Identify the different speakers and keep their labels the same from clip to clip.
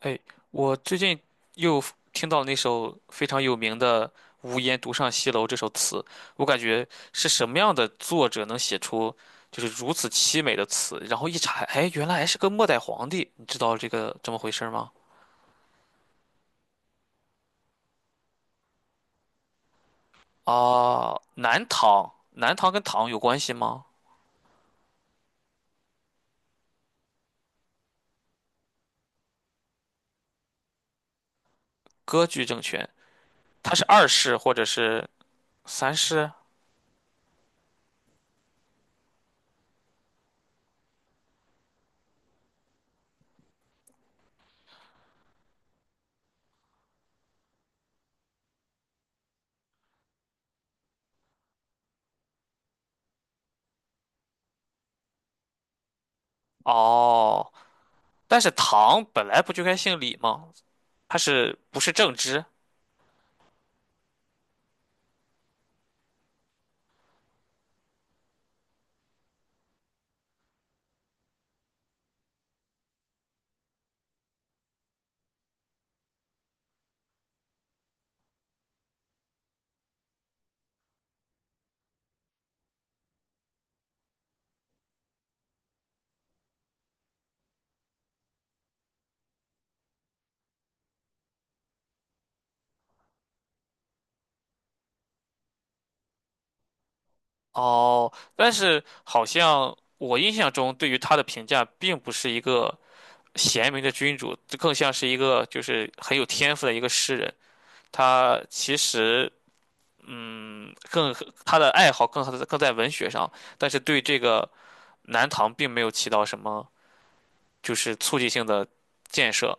Speaker 1: 哎，我最近又 听到那首非常有名的“无言独上西楼”这首词，我感觉是什么样的作者能写出如此凄美的词？然后一查，哎，原来还是个末代皇帝，你知道这么回事儿吗？啊，南唐，南唐跟唐有关系吗？割据政权，他是二世或者是三世？哦，但是唐本来不就该姓李吗？他是不是正直？哦，但是好像我印象中对于他的评价并不是一个贤明的君主，这更像是一个很有天赋的一个诗人。他其实嗯，更他的爱好更在文学上，但是对这个南唐并没有起到什么促进性的建设。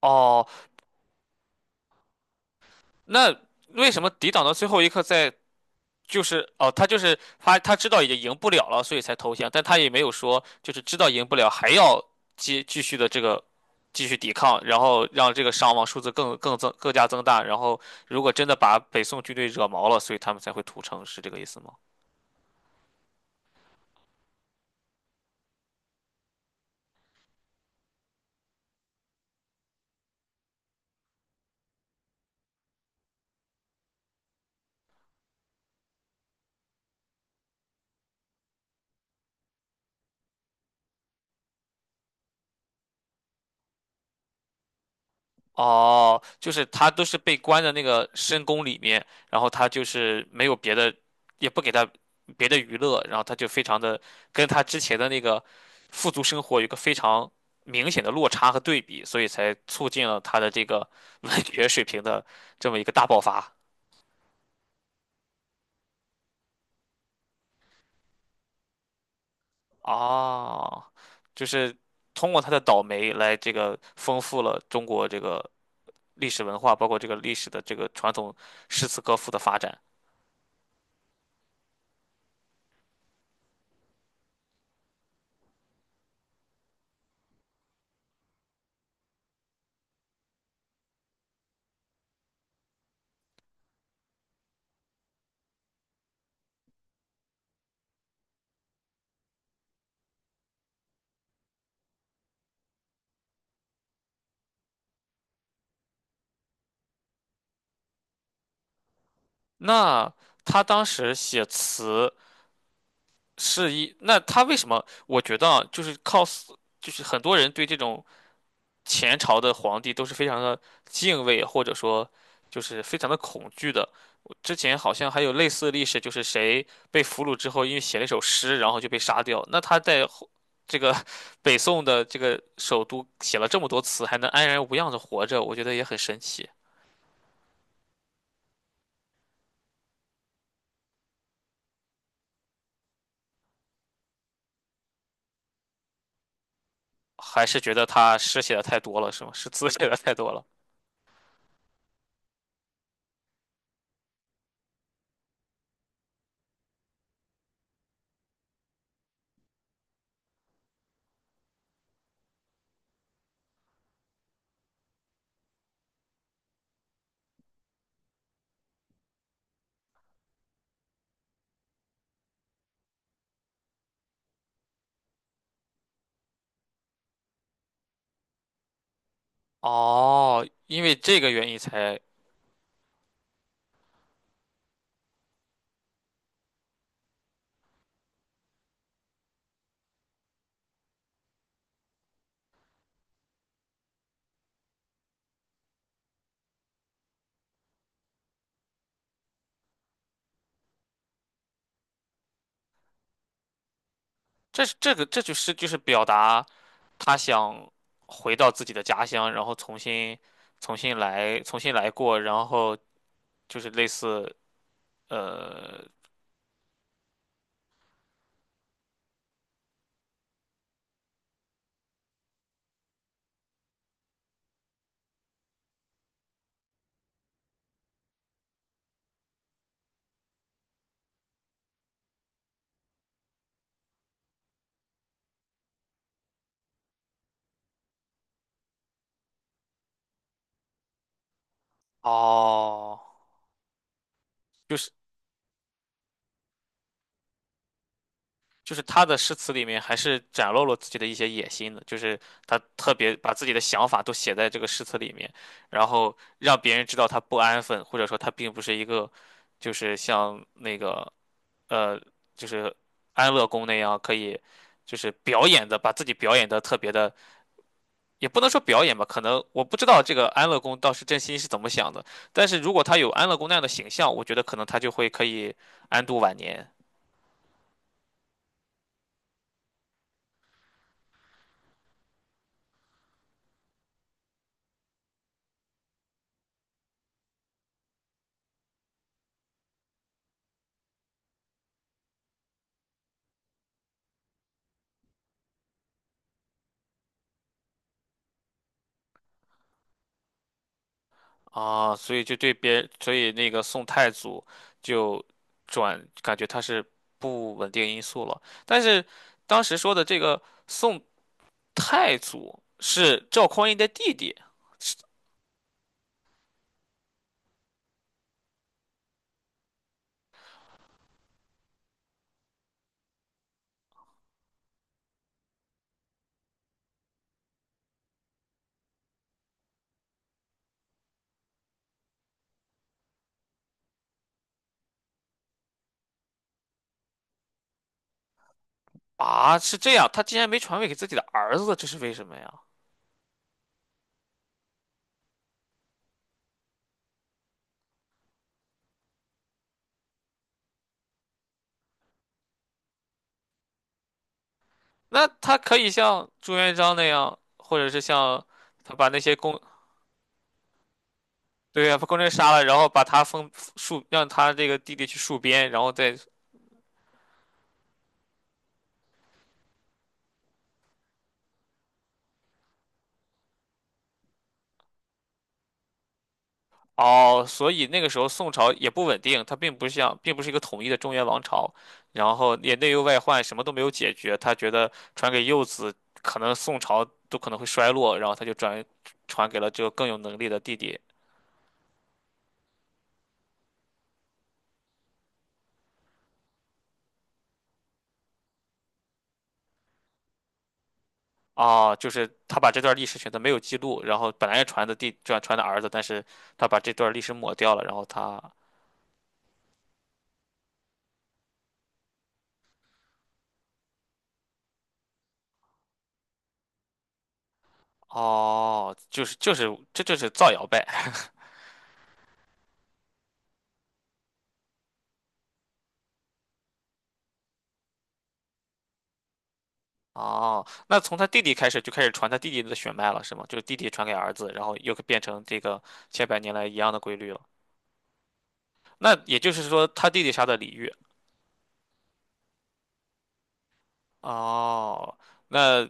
Speaker 1: 哦，那为什么抵挡到最后一刻，在就是哦，他就是他，他知道已经赢不了了，所以才投降，但他也没有说知道赢不了还要继继续的这个继续抵抗，然后让这个伤亡数字更加增大，然后如果真的把北宋军队惹毛了，所以他们才会屠城，是这个意思吗？哦，就是他都是被关在那个深宫里面，然后他就是没有别的，也不给他别的娱乐，然后他就非常的他之前的那个富足生活有一个非常明显的落差和对比，所以才促进了他的这个 文学水平的这么一个大爆发。哦，就是通过他的倒霉来丰富了中国这个历史文化，包括这个历史的这个传统诗词歌赋的发展。那他当时写词那他为什么？我觉得啊就是靠死，o 就是很多人对这种前朝的皇帝都是非常的敬畏，或者说非常的恐惧的。之前好像还有类似的历史，就是谁被俘虏之后，因为写了一首诗，然后就被杀掉。那他在 这个北宋的这个首都写了这么多词，还能安然无恙的活着，我觉得也很神奇。还是觉得他诗写的太多了，是吗？是字 写的太多了。哦，因为这个原因才，这是这个这就是表达他想回到自己的家乡，然后重新来过，然后就是类似呃哦，就是他的诗词里面还是展露了自己的一些野心的，就是他特别把自己的想法都写在这个诗词里面，然后让别人知道他不安分，或者说他并不是一个像那个。呃，就是安乐宫那样，可以表演的，把自己表演的特别的，也不能说表演吧，可能我不知道这个安乐宫倒是真心是怎么想的，但是如果他有安乐宫那样的形象，我觉得可能他就可以安度晚年。啊，所以就对别人，所以那个宋太祖就感觉他是不稳定因素了，但是当时说的这个宋太祖是赵匡胤的弟弟。啊，是这样，他竟然没传位给自己的儿子，这是为什么呀？那他可以像朱元璋那样，或者是像他把那些功，对呀，把功臣杀了，然后把他封戍，让他这个弟弟去戍边，然后再哦，所以那个时候宋朝也不稳定，他并不像，并不是一个统一的中原王朝，然后也内忧外患，什么都没有解决。他觉得传给幼子，可能宋朝都可能会衰落，然后他传给了这个更有能力的弟弟。啊，就是他把这段历史选择没有记录，然后本来是传的儿子，但是他把这段历史抹掉了，然后他哦，这就是造谣呗。哦，那从他弟弟开始就开始传他弟弟的血脉了，是吗？就是弟弟传给儿子，然后又变成这个千百年来一样的规律了。那也就是说，他弟弟杀的李煜。哦，那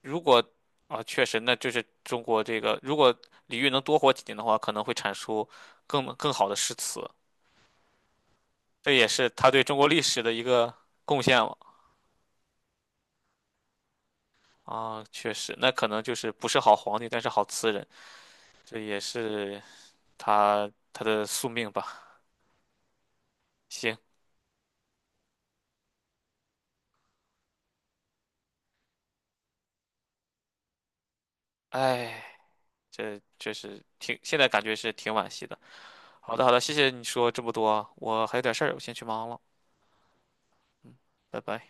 Speaker 1: 如果啊，确实，那就是中国这个，如果李煜能多活几年的话，可能会产出更好的诗词。这也是他对中国历史的一个贡献了。啊，确实，那可能就是不是好皇帝，但是好词人，这也是他的宿命吧。行，哎，这确实挺，现在感觉是挺惋惜的。好的，好的，谢谢你说这么多啊，我还有点事儿，我先去忙了，嗯，拜拜。